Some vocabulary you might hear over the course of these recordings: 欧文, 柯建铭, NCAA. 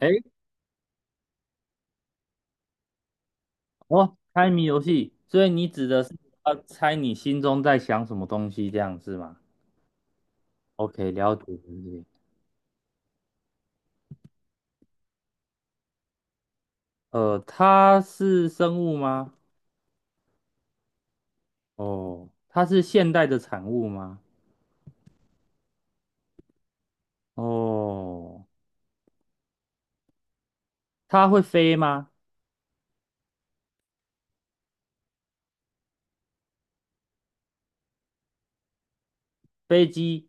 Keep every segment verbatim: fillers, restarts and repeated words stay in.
哎，哦，猜谜游戏，所以你指的是要猜你心中在想什么东西，这样是吗？OK，了解了解。呃，它是生物吗？哦，它是现代的产物吗？哦，它会飞吗？飞机、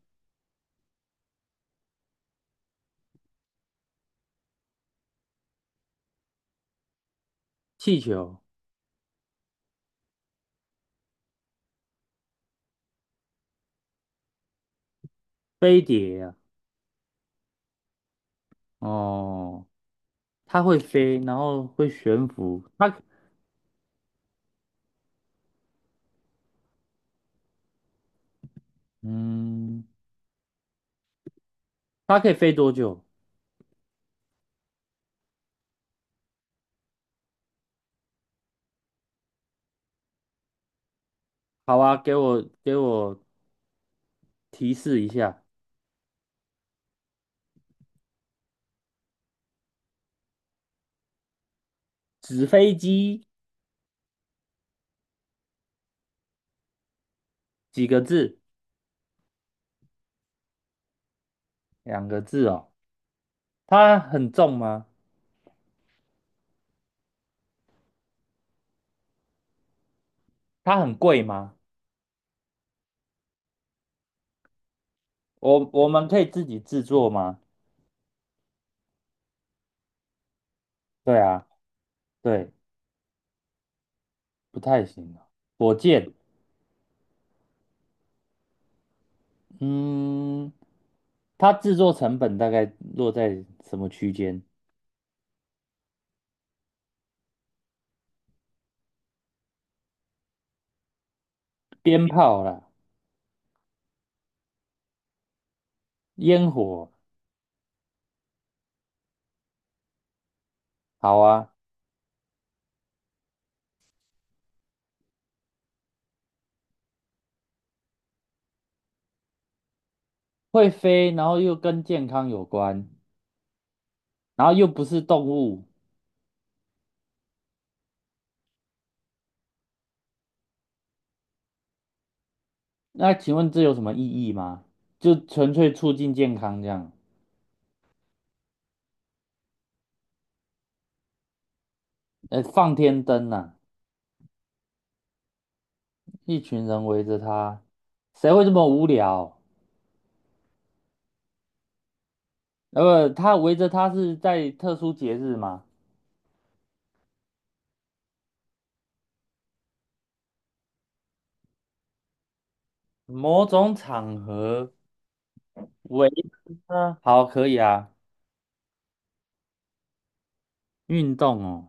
气球、飞碟啊。哦，它会飞，然后会悬浮。它，嗯，它可以飞多久？好啊，给我给我提示一下。纸飞机几个字？两个字哦，它很重吗？它很贵吗？我我们可以自己制作吗？对啊，对，不太行啊。火箭，嗯，它制作成本大概落在什么区间？鞭炮啦，烟火，好啊，会飞，然后又跟健康有关，然后又不是动物，那请问这有什么意义吗？就纯粹促进健康这样？呃，放天灯呐、一群人围着他，谁会这么无聊？呃，他围着他是在特殊节日吗？某种场合围着他，好，可以啊。运动哦，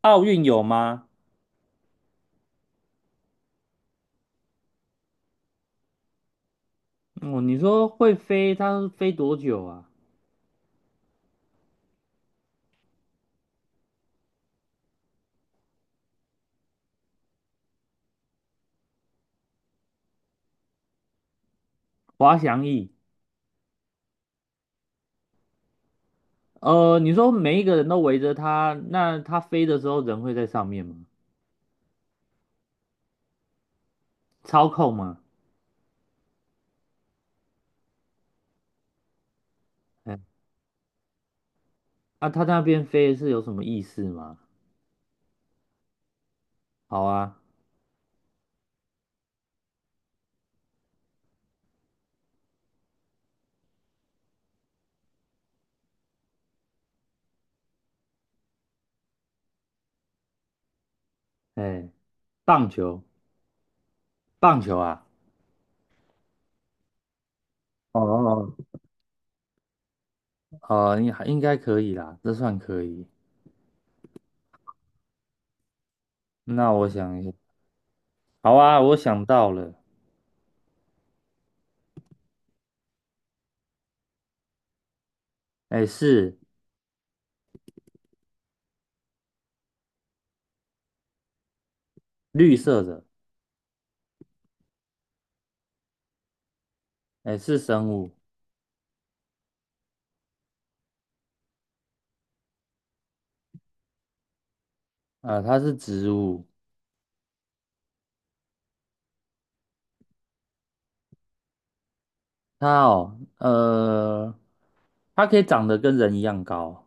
奥运有吗？哦，你说会飞，它飞多久啊？滑翔翼。呃，你说每一个人都围着他，那他飞的时候人会在上面吗？操控吗？哎，啊，他那边飞是有什么意思吗？好啊，哎，棒球，棒球啊。哦，呃，应应该可以啦，这算可以。那我想一下，好啊，我想到了，哎，是绿色的，哎，是生物，呃，它是植物，它哦，呃，它可以长得跟人一样高，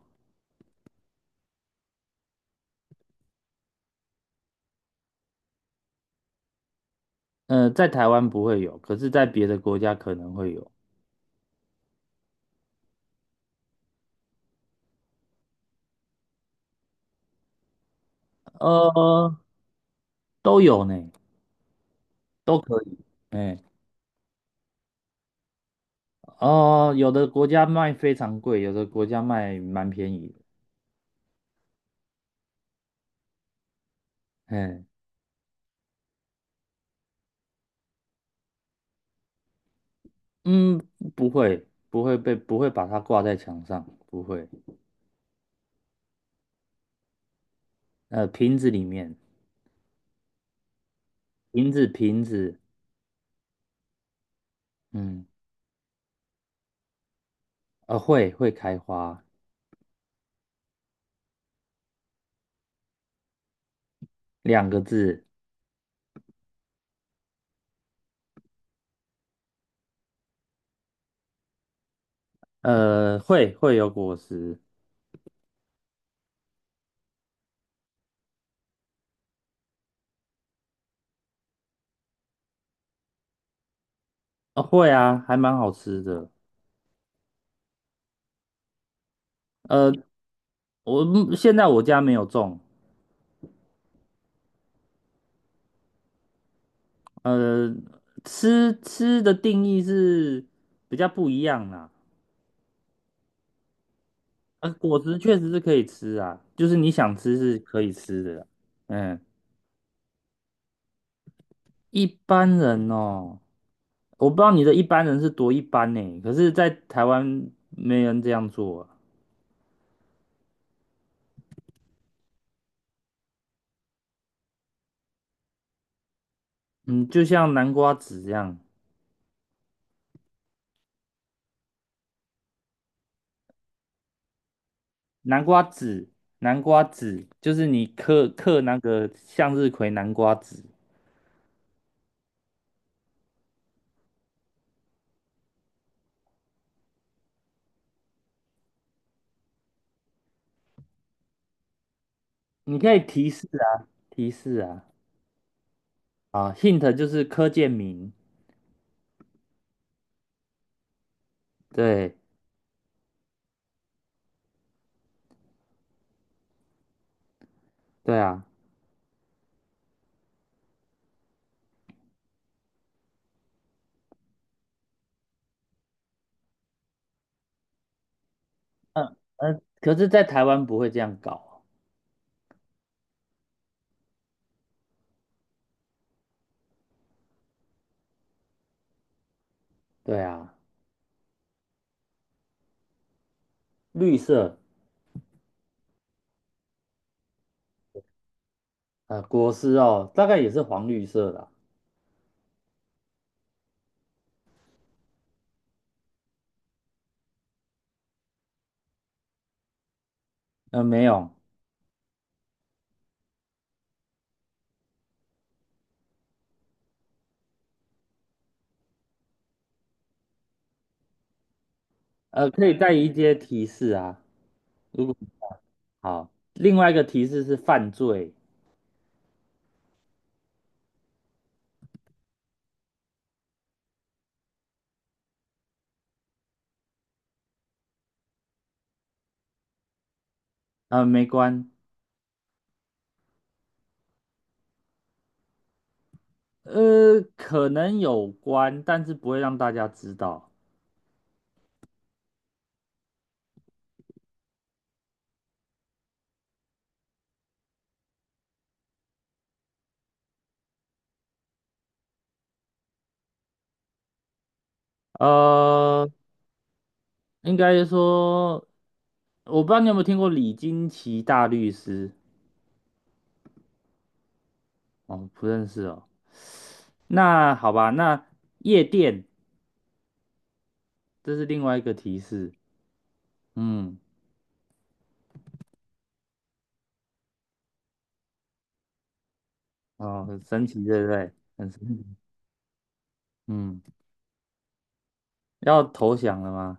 呃，在台湾不会有，可是在别的国家可能会有，呃，都有呢，都可以，哎，哦，有的国家卖非常贵，有的国家卖蛮便宜的，哎，嗯，不会，不会被，不会把它挂在墙上，不会。呃，瓶子里面，瓶子，瓶子，嗯，呃，会会开花，两个字，呃，会会有果实，呃，会啊，还蛮好吃的。呃，我目现在我家没有种，呃，吃吃的定义是比较不一样啦。呃，果实确实是可以吃啊，就是你想吃是可以吃的啦。嗯。一般人哦，我不知道你的一般人是多一般呢，可是，在台湾没人这样做啊。嗯，就像南瓜子这样，南瓜子，南瓜子，就是你嗑嗑那个向日葵南瓜籽。你可以提示啊，提示啊，啊，hint 就是柯建铭，对，对啊，嗯嗯，可是，在台湾不会这样搞，对啊，绿色，呃，果实哦，大概也是黄绿色的啊，呃，没有。呃，可以带一些提示啊。如果好，另外一个提示是犯罪，呃，没关，呃，可能有关，但是不会让大家知道。呃，应该说，我不知道你有没有听过李金奇大律师？哦，不认识哦。那好吧，那夜店，这是另外一个提示。嗯，哦，很神奇，对不对？很神奇。嗯，要投降了吗？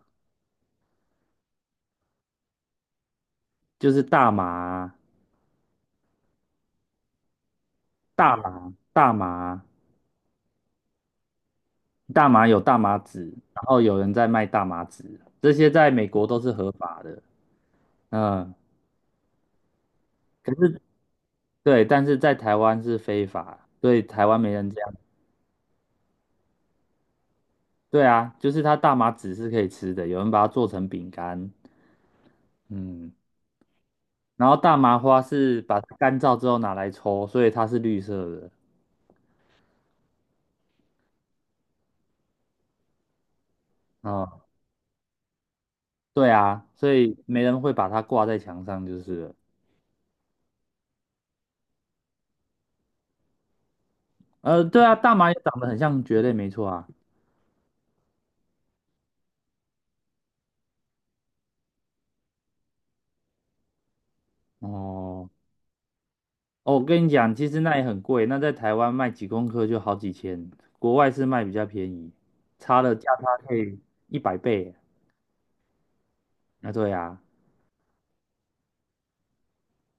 就是大麻啊，大麻、大麻、大麻有大麻籽，然后有人在卖大麻籽，这些在美国都是合法的。嗯，可是对，但是在台湾是非法，所以台湾没人这样。对啊，就是它大麻籽是可以吃的，有人把它做成饼干。嗯，然后大麻花是把它干燥之后拿来抽，所以它是绿色的。哦，对啊，所以没人会把它挂在墙上就是了。呃，对啊，大麻也长得很像蕨类，没错啊。哦。哦，我跟你讲，其实那也很贵，那在台湾卖几公克就好几千，国外是卖比较便宜，差了价差可以一百倍。啊，对啊，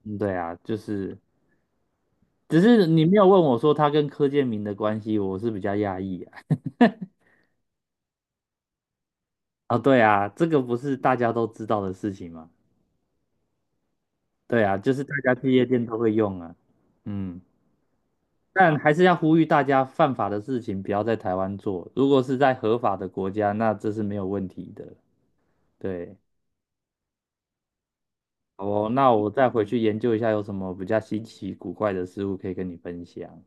嗯，对啊，就是，只是你没有问我说他跟柯建明的关系，我是比较讶异啊。啊，对啊，这个不是大家都知道的事情嘛？对啊，就是大家去夜店都会用啊。嗯，但还是要呼吁大家，犯法的事情不要在台湾做，如果是在合法的国家，那这是没有问题的。对。好哦，那我再回去研究一下有什么比较稀奇古怪的事物可以跟你分享。